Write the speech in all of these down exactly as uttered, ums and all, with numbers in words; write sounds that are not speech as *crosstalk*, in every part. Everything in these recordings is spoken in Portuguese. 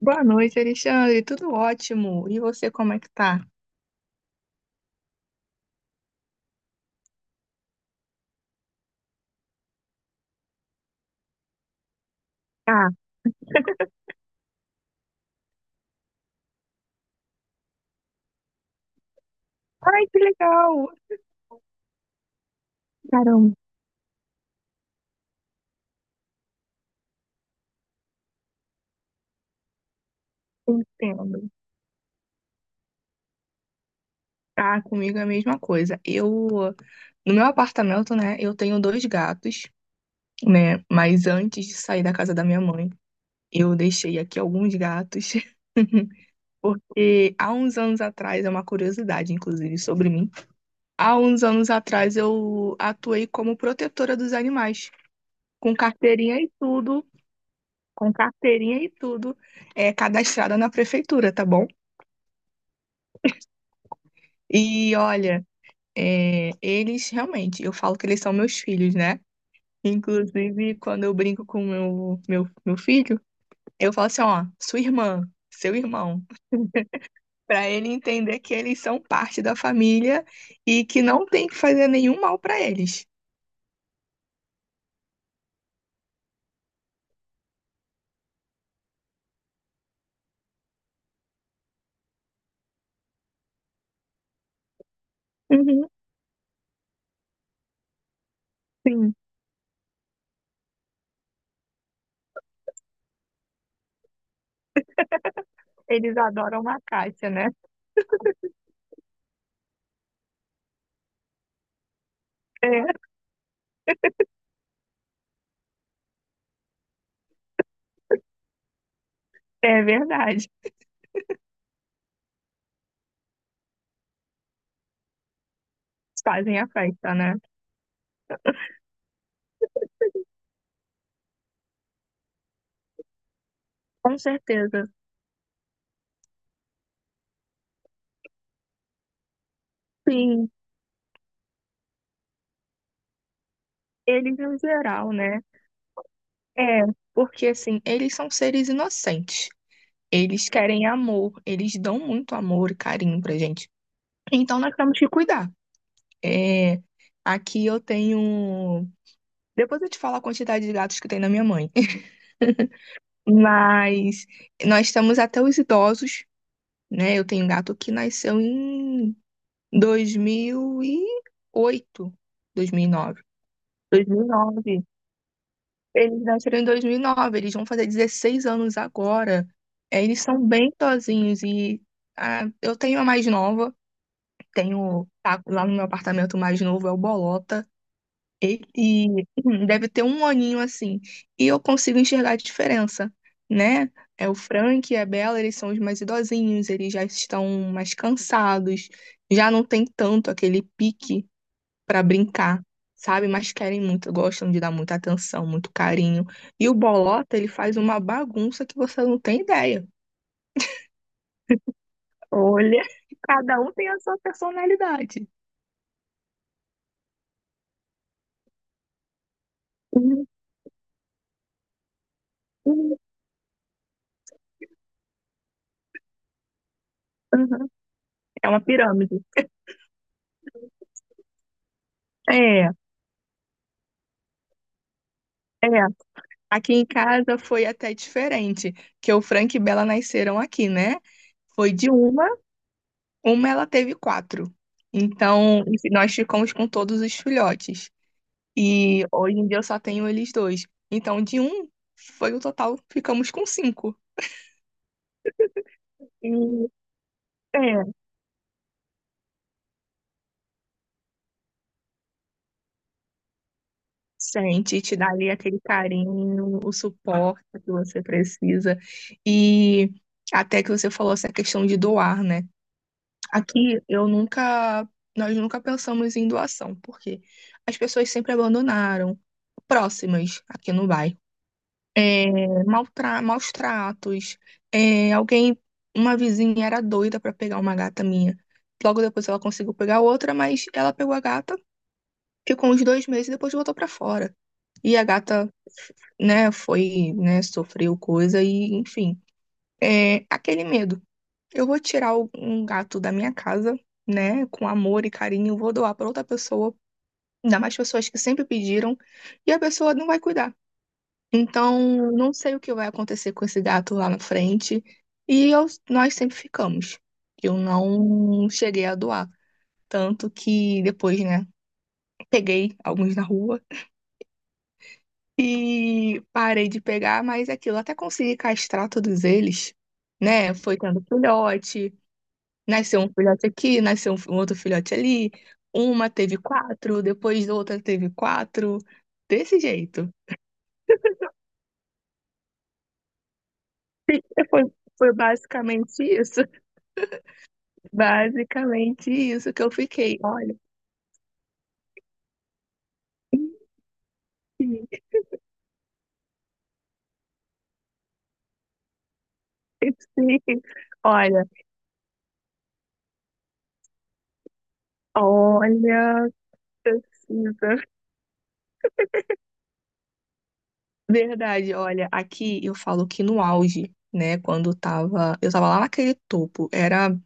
Boa noite, Alexandre. Tudo ótimo. E você, como é que tá? Ah, ai, que legal! Caramba, entendo. Ah, comigo é a mesma coisa. Eu, no meu apartamento, né, eu tenho dois gatos, né? Mas antes de sair da casa da minha mãe, eu deixei aqui alguns gatos. *laughs* Porque há uns anos atrás, é uma curiosidade, inclusive, sobre mim. Há uns anos atrás, eu atuei como protetora dos animais, com carteirinha e tudo. Com carteirinha e tudo, é, cadastrada na prefeitura, tá bom? E olha, é, eles realmente, eu falo que eles são meus filhos, né? Inclusive, quando eu brinco com meu, meu, meu filho, eu falo assim, ó, sua irmã, seu irmão, pra ele entender que eles são parte da família e que não tem que fazer nenhum mal pra eles. Uhum, sim, eles adoram uma caixa, né? É, é verdade. Fazem a festa, né? Com certeza. Sim, eles no geral, né? É, porque assim, eles são seres inocentes. Eles querem amor, eles dão muito amor e carinho pra gente. Então nós temos que cuidar. É, aqui eu tenho. Depois eu te falo a quantidade de gatos que tem na minha mãe. *laughs* Mas nós temos até os idosos, né? Eu tenho um gato que nasceu em dois dois mil mil e e oito, dois mil e nove, dois mil e oito, dois mil e nove. Nove. Eles nasceram em dois mil e nove. Eles vão fazer dezesseis anos agora. É, eles são bem tozinhos e ah, eu tenho a mais nova, tenho tá, lá no meu apartamento o mais novo é o Bolota. Ele hum, deve ter um aninho assim e eu consigo enxergar a diferença, né? É o Frank e a Bella, eles são os mais idosinhos, eles já estão mais cansados, já não tem tanto aquele pique para brincar, sabe? Mas querem muito, gostam de dar muita atenção, muito carinho. E o bolota, ele faz uma bagunça que você não tem ideia. Olha, *laughs* cada um tem a sua personalidade. Uhum, uhum, uhum. É uma pirâmide. É, é. Aqui em casa foi até diferente, que o Frank e Bela nasceram aqui, né? Foi de uma, uma ela teve quatro. Então, enfim, nós ficamos com todos os filhotes. E hoje em dia eu só tenho eles dois. Então, de um, foi o total, ficamos com cinco. E é, sente, te dá ali aquele carinho, o suporte que você precisa. E até que você falou essa questão de doar, né? Aqui eu nunca, nós nunca pensamos em doação, porque as pessoas sempre abandonaram próximas aqui no bairro. É, maltra- maus tratos. É, alguém, uma vizinha era doida para pegar uma gata minha. Logo depois ela conseguiu pegar outra, mas ela pegou a gata, ficou uns dois meses e depois voltou para fora. E a gata, né, foi, né, sofreu coisa e, enfim, é aquele medo. Eu vou tirar o- um gato da minha casa, né, com amor e carinho, vou doar para outra pessoa, ainda mais pessoas que sempre pediram, e a pessoa não vai cuidar. Então, não sei o que vai acontecer com esse gato lá na frente. E eu- nós sempre ficamos. Eu não cheguei a doar. Tanto que depois, né, peguei alguns na rua e parei de pegar, mas aquilo, até consegui castrar todos eles, né? Foi tendo filhote, nasceu um filhote aqui, nasceu um um outro filhote ali. Uma teve quatro, depois outra teve quatro. Desse jeito. Foi, foi basicamente isso. Basicamente isso que eu fiquei. Olha, sim, sim. *laughs* Olha, olha, precisa. Verdade, olha, aqui eu falo que no auge, né, quando tava, eu tava lá naquele topo, era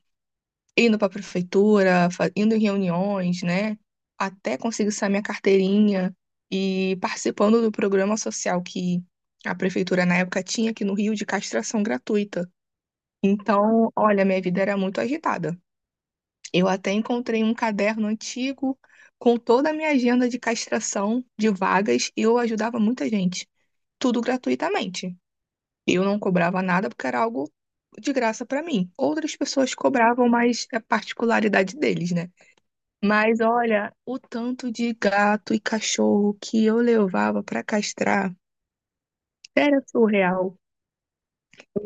indo pra prefeitura, fa- indo em reuniões, né, até conseguir sair minha carteirinha e participando do programa social que a prefeitura na época tinha aqui no Rio de castração gratuita. Então, olha, minha vida era muito agitada. Eu até encontrei um caderno antigo com toda a minha agenda de castração de vagas e eu ajudava muita gente, tudo gratuitamente. Eu não cobrava nada porque era algo de graça para mim. Outras pessoas cobravam, mas é particularidade deles, né? Mas olha, o tanto de gato e cachorro que eu levava para castrar era surreal.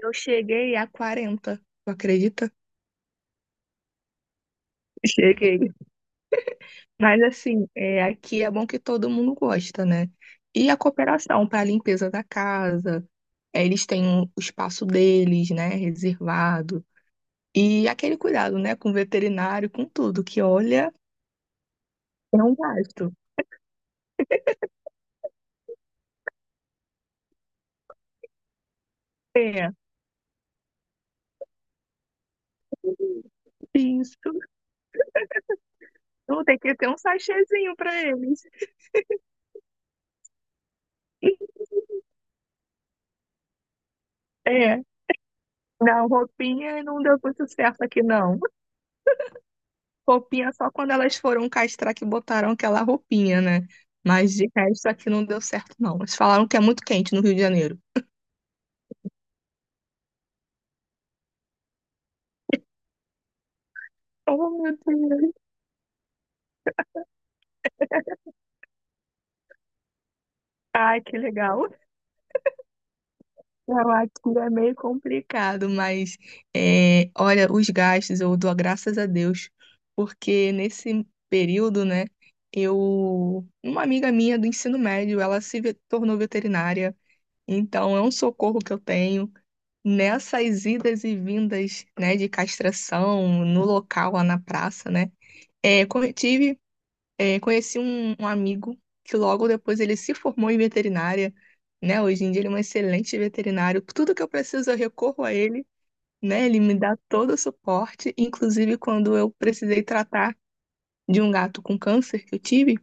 Eu cheguei a quarenta. Tu acredita? Cheguei. Mas assim, é, aqui é bom que todo mundo gosta, né? E a cooperação para a limpeza da casa, é, eles têm um- o espaço deles, né, reservado. E aquele cuidado, né, com o veterinário, com tudo, que olha, é um gasto. É, isso. Não tem que ter um sachêzinho para eles. É, não, roupinha não deu muito certo aqui, não. Roupinha só quando elas foram castrar que botaram aquela roupinha, né? Mas de resto aqui não deu certo, não. Eles falaram que é muito quente no Rio de Janeiro. Oh, meu Deus. Ai, que legal. Não, aqui é meio complicado, mas é, olha, os gastos eu dou graças a Deus, porque nesse período, né, eu, uma amiga minha do ensino médio, ela se ve- tornou veterinária, então é um socorro que eu tenho nessas idas e vindas, né, de castração no local lá na praça, né. É, co- tive. É, conheci um, um amigo que logo depois ele se formou em veterinária, né? Hoje em dia ele é um excelente veterinário. Tudo que eu preciso eu recorro a ele, né? Ele me dá todo o suporte, inclusive quando eu precisei tratar de um gato com câncer que eu tive,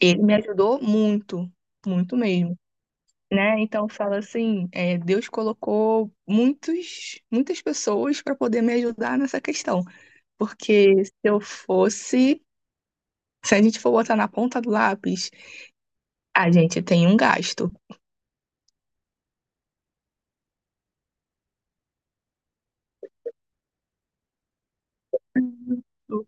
ele me ajudou muito, muito mesmo, né? Então eu falo assim, é, Deus colocou muitos, muitas pessoas para poder me ajudar nessa questão, porque se eu fosse, se a gente for botar na ponta do lápis. A gente tem um gasto. Isso.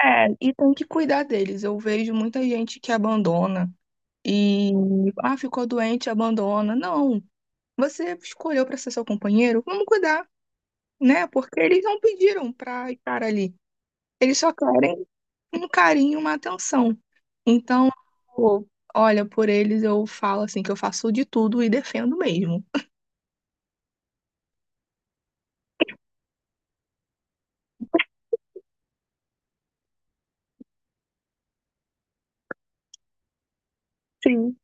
É, e tem que cuidar deles. Eu vejo muita gente que abandona e, ah, ficou doente, abandona. Não, você escolheu para ser seu companheiro, vamos cuidar, né? Porque eles não pediram para estar ali. Eles só querem um carinho, uma atenção. Então, pô, olha, por eles eu falo assim que eu faço de tudo e defendo mesmo. Sim.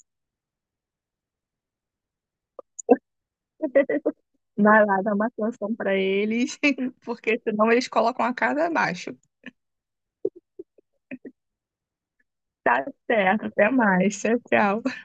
Vai lá, dá uma atenção pra eles, *laughs* porque senão eles colocam a casa abaixo. Tá certo, até mais. Tchau, tchau.